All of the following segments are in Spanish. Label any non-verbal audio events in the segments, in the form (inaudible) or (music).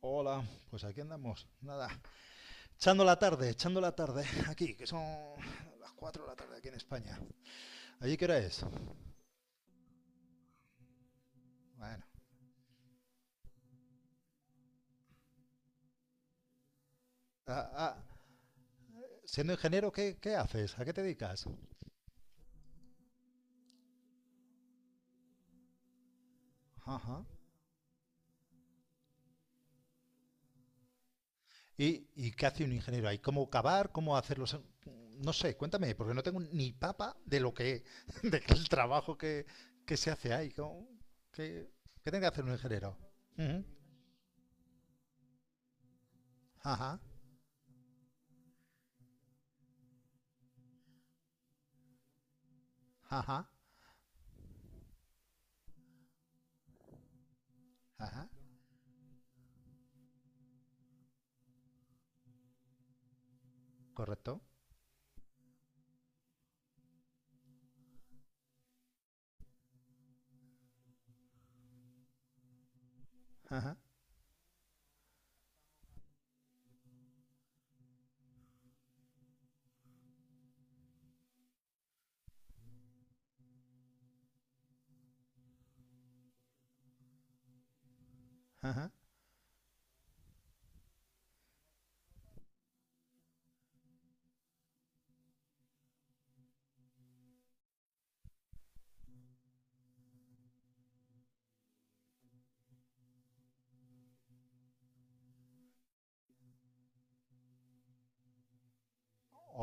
Hola, pues aquí andamos, nada, echando la tarde, aquí, que son las 4 de la tarde aquí en España. ¿Allí qué hora es? Bueno, ah, ah, siendo ingeniero, ¿qué haces? ¿A qué te dedicas? Ajá. ¿Y qué hace un ingeniero ahí? ¿Cómo cavar? ¿Cómo hacerlo? No sé, cuéntame, porque no tengo ni papa (laughs) de el trabajo que se hace ahí. ¿Qué, qué tiene que hacer un ingeniero? Ujú. Ajá, ajá, ajá, correcto. Ajá, ajá.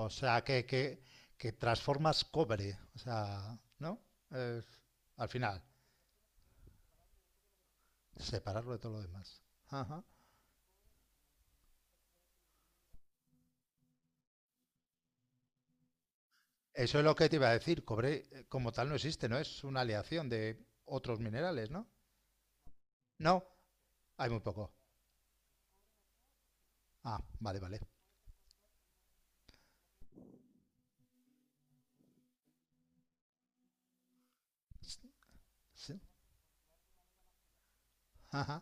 O sea, que transformas cobre. O sea, ¿no? Es- al final, separarlo de todo lo demás. Ajá. Eso es lo que te iba a decir. Cobre como tal no existe, ¿no? Es una aleación de otros minerales, ¿no? No, hay muy poco. Ah, vale, vale. Sí, ajá.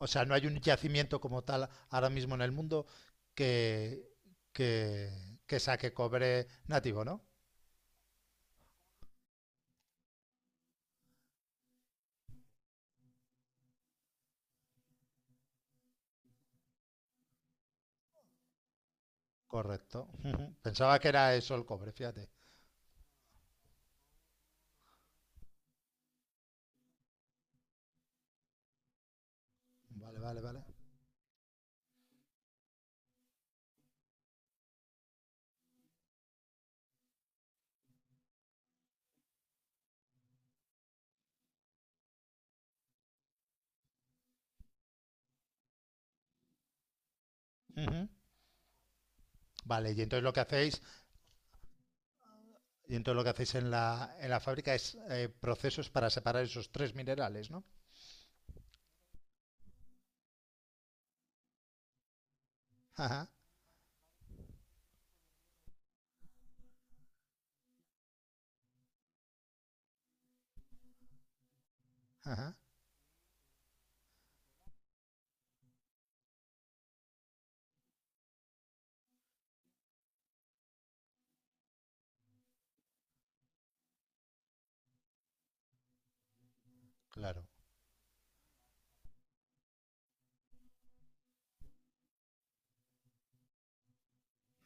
O sea, no hay un yacimiento como tal ahora mismo en el mundo que, que, que saque cobre nativo, ¿no? Correcto. (laughs) Ujú. Pensaba que era eso el cobre, fíjate. Vale, vale, vale. Ujú. Vale, y entonces lo que hacéis en la fábrica es procesos para separar esos tres minerales, ¿no? Ajá, ajá, claro.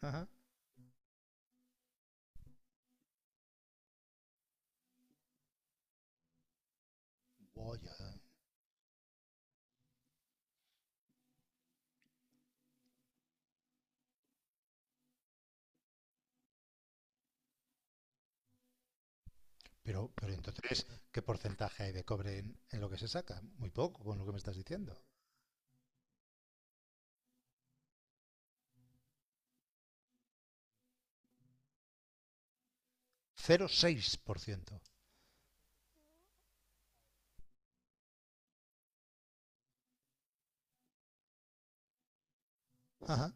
Ajá. Oye, pero entonces, ¿qué porcentaje hay de cobre en lo que se saca? Muy poco, con lo que me estás diciendo. 0,6%. Ajá.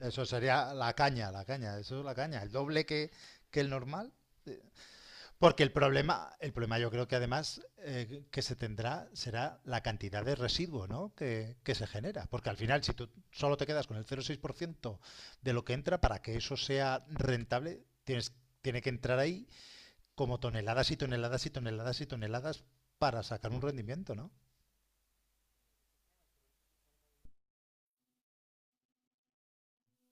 Eso sería la caña, eso es la caña. El doble que el normal. Porque el problema yo creo que además que se tendrá será la cantidad de residuo, ¿no? Que se genera. Porque al final, si tú solo te quedas con el 0,6% de lo que entra, para que eso sea rentable, tiene que entrar ahí como toneladas y toneladas y toneladas y toneladas para sacar un rendimiento, ¿no?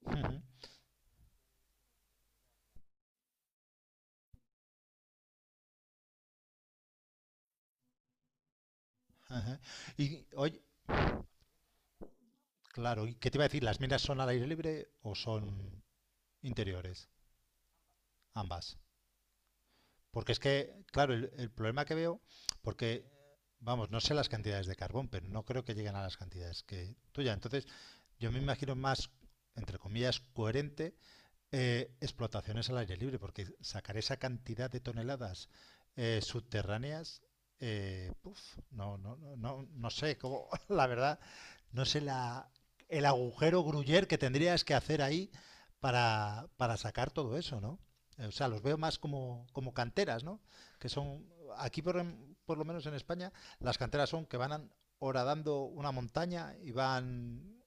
Ujú, ajá. Y oye, claro, ¿y qué te iba a decir? ¿Las minas son al aire libre o son interiores? Ambas. Porque es que, claro, el problema que veo, porque, vamos, no sé las cantidades de carbón, pero no creo que lleguen a las cantidades que tuya. Entonces, yo me imagino más, entre comillas, coherente, explotaciones al aire libre, porque sacar esa cantidad de toneladas subterráneas, puf, no, no, no, no, no sé cómo, (laughs) la verdad, no sé el agujero gruyer que tendrías que hacer ahí para sacar todo eso, ¿no? O sea, los veo más como canteras, ¿no? Que son, aquí por lo menos en España, las canteras son que van horadando una montaña y van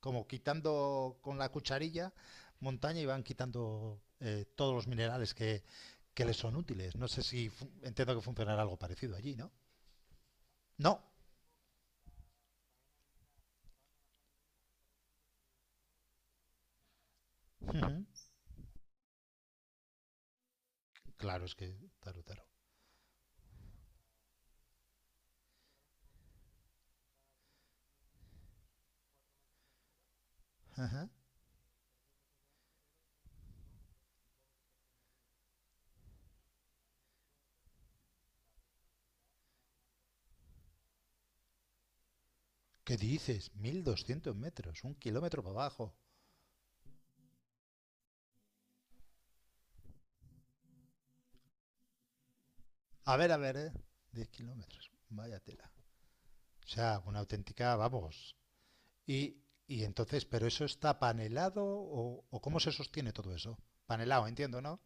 como quitando con la cucharilla montaña y van quitando todos los minerales que, les son útiles. No sé si entiendo que funcionará algo parecido allí, ¿no? No. Ujú. Claro, es que. Taro, taro. Ajá. ¿Qué dices? 1200 metros, un kilómetro para abajo. A ver, ¿eh? 10 kilómetros. Vaya tela. O sea, una auténtica, vamos. Y entonces, ¿pero eso está panelado o cómo se sostiene todo eso? Panelado, entiendo, ¿no?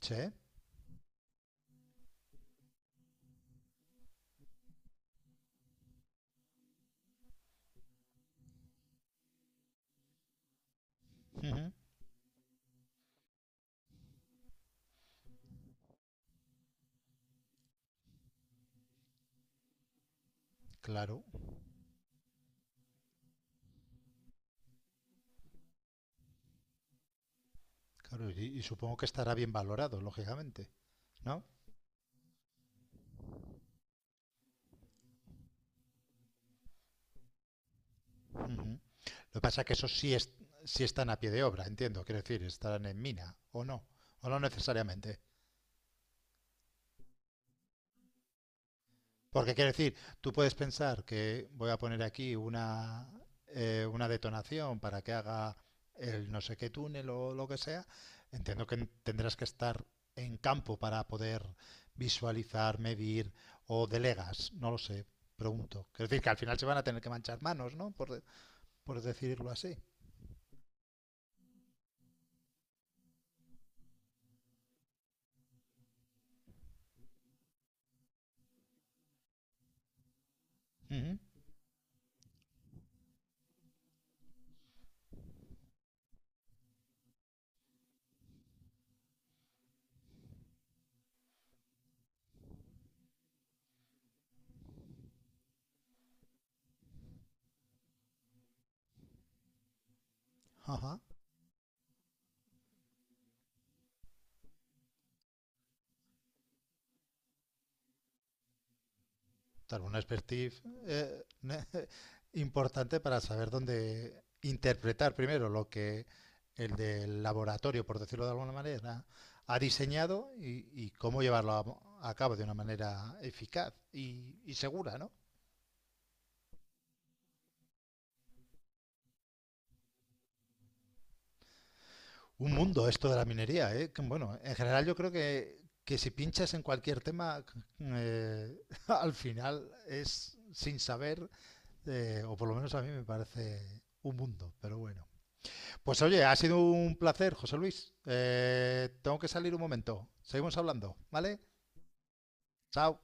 Sí. Ujú. Claro, claro, y supongo que estará bien valorado, lógicamente. ¿No? Uh -huh. Lo que pasa es que esos sí, sí están a pie de obra, entiendo. Quiero decir, estarán en mina o no necesariamente. Porque quiero decir, tú puedes pensar que voy a poner aquí una detonación para que haga el no sé qué túnel o lo que sea. Entiendo que tendrás que estar en campo para poder visualizar, medir, o delegas, no lo sé, pregunto. Es decir, que al final se van a tener que manchar manos, ¿no? Por decirlo así. Uh -huh. Ajá. Claro, un expertise (laughs) importante para saber dónde interpretar primero lo que el del laboratorio, por decirlo de alguna manera, ha diseñado y cómo llevarlo a cabo de una manera eficaz y segura, ¿no? Un mundo esto de la minería, ¿eh? Bueno, en general yo creo que, si pinchas en cualquier tema, eh, (laughs) al final es sin saber, o por lo menos a mí me parece un mundo, pero bueno. Pues oye, ha sido un placer, José Luis. Tengo que salir un momento. Seguimos hablando, ¿vale? Chao.